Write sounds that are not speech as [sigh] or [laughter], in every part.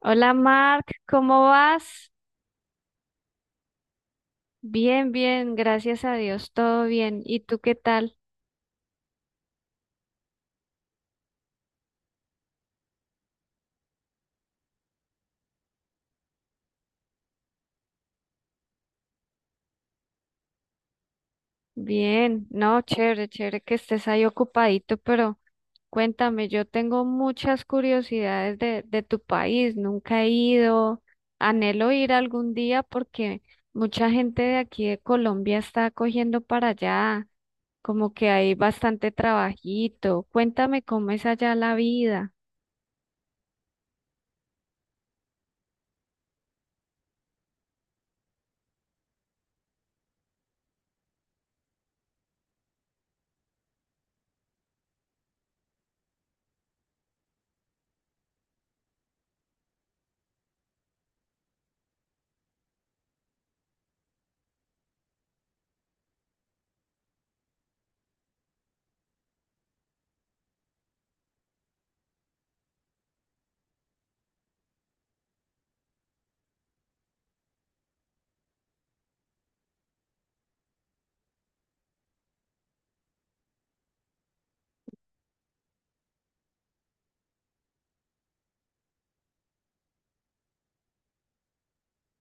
Hola Mark, ¿cómo vas? Bien, bien, gracias a Dios, todo bien. ¿Y tú qué tal? Bien, no, chévere, chévere que estés ahí ocupadito, pero cuéntame, yo tengo muchas curiosidades de tu país, nunca he ido, anhelo ir algún día porque mucha gente de aquí de Colombia está cogiendo para allá, como que hay bastante trabajito. Cuéntame cómo es allá la vida.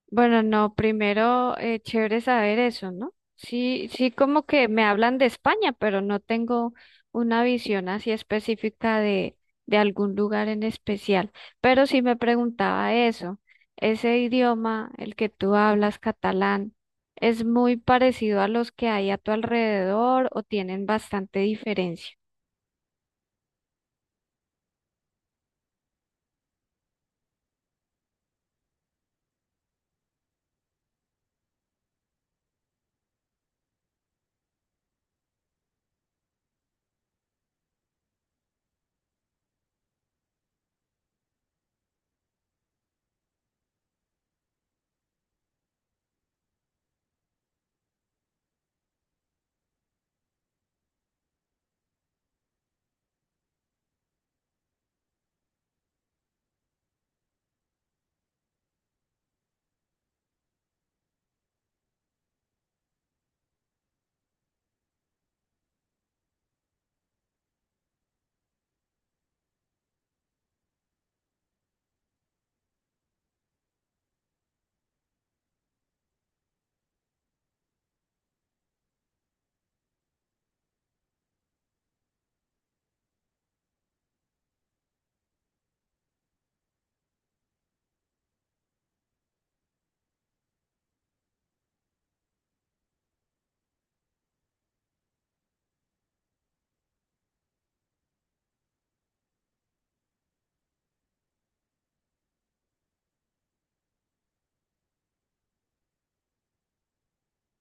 Bueno, no, primero, chévere saber eso, ¿no? Sí, sí, como que me hablan de España, pero no tengo una visión así específica de algún lugar en especial. Pero sí me preguntaba eso, ese idioma, el que tú hablas, catalán, ¿es muy parecido a los que hay a tu alrededor o tienen bastante diferencia?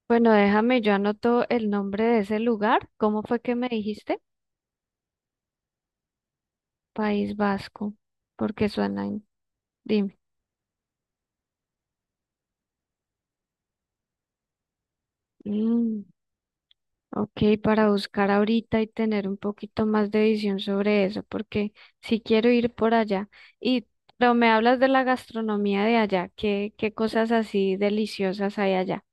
Bueno, déjame, yo anoto el nombre de ese lugar. ¿Cómo fue que me dijiste? País Vasco, porque suena, in- dime. Mm, ok, para buscar ahorita y tener un poquito más de visión sobre eso, porque si quiero ir por allá. Y, pero me hablas de la gastronomía de allá, ¿qué, qué cosas así deliciosas hay allá?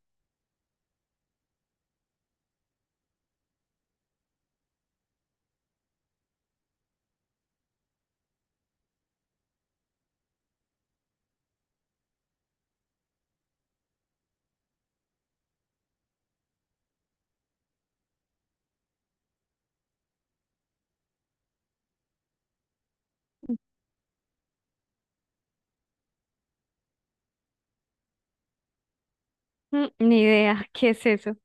Mm, ni idea, [laughs] ¿qué es eso?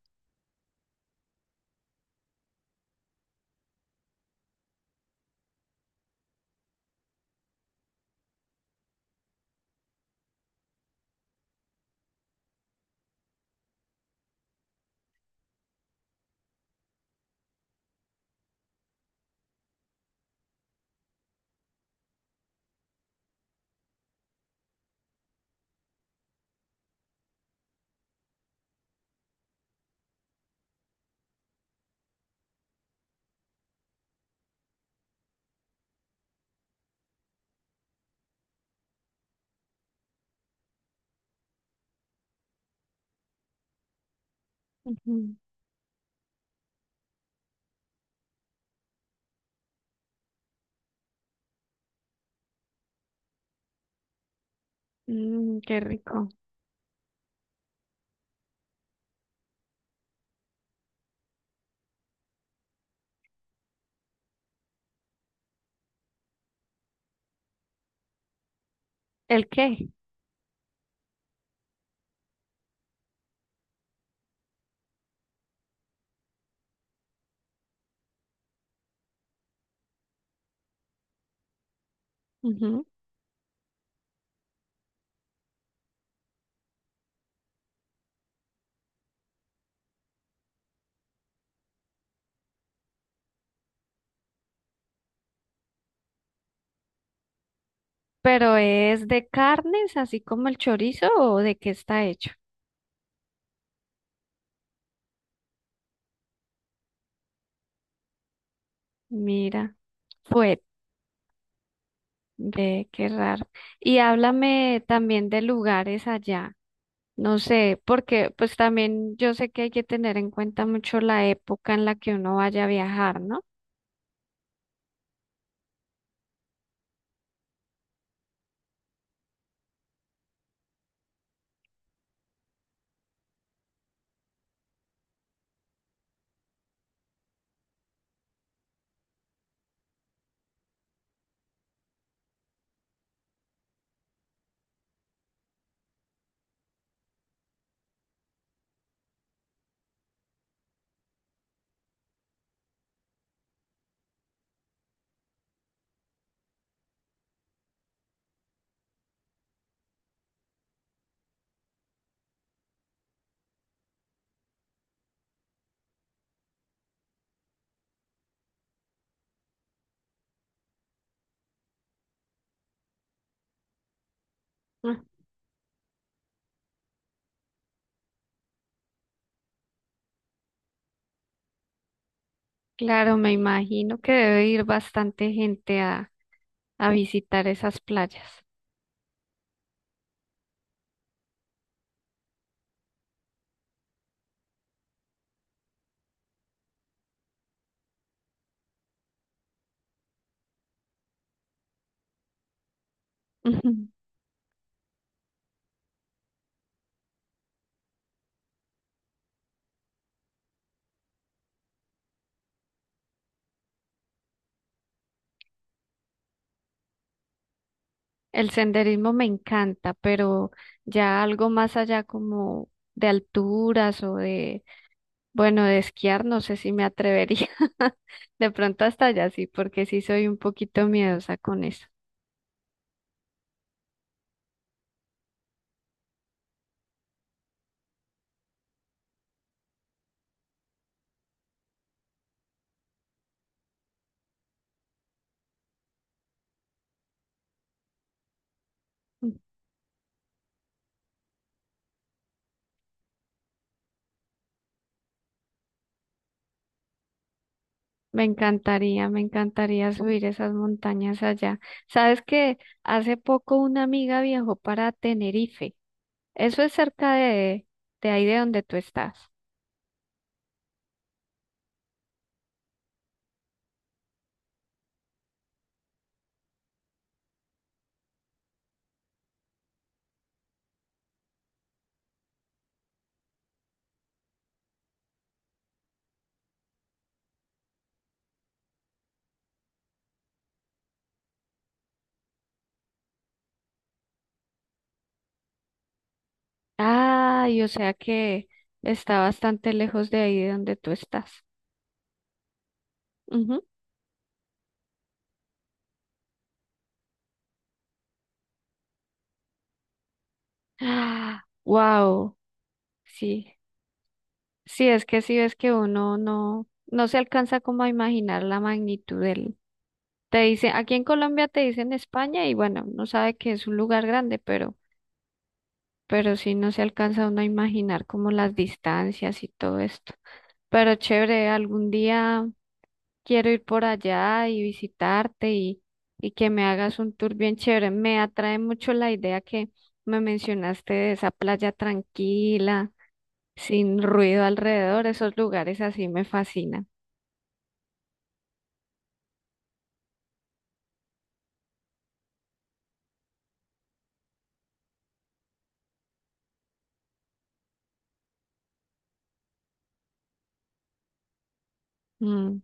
Ujú. Mm, qué rico. ¿El qué? Ujú. ¿Pero es de carnes, así como el chorizo, o de qué está hecho? Mira, fue, ve, qué raro. Y háblame también de lugares allá. No sé, porque pues también yo sé que hay que tener en cuenta mucho la época en la que uno vaya a viajar, ¿no? Ah, claro, me imagino que debe ir bastante gente a visitar esas playas. [laughs] Ujú. El senderismo me encanta, pero ya algo más allá como de alturas o de, bueno, de esquiar, no sé si me atrevería. [laughs] De pronto hasta allá sí, porque sí soy un poquito miedosa con eso. Me encantaría subir esas montañas allá. Sabes que hace poco una amiga viajó para Tenerife. Eso es cerca de ahí de donde tú estás. Ay, o sea que está bastante lejos de ahí de donde tú estás. Ujú. Ah, wow, sí. Sí, es que uno no, no se alcanza como a imaginar la magnitud del. Te dice, aquí en Colombia te dicen España y bueno, no sabe que es un lugar grande, pero sí no se alcanza uno a imaginar como las distancias y todo esto. Pero chévere, algún día quiero ir por allá y visitarte y que me hagas un tour bien chévere. Me atrae mucho la idea que me mencionaste de esa playa tranquila, sin ruido alrededor, esos lugares así me fascinan. Mm.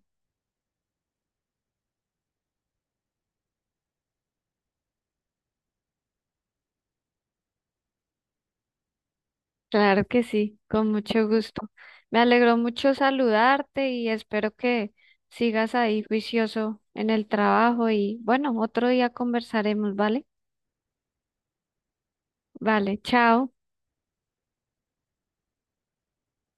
Claro que sí, con mucho gusto. Me alegró mucho saludarte y espero que sigas ahí juicioso en el trabajo y bueno, otro día conversaremos, ¿vale? Vale, chao.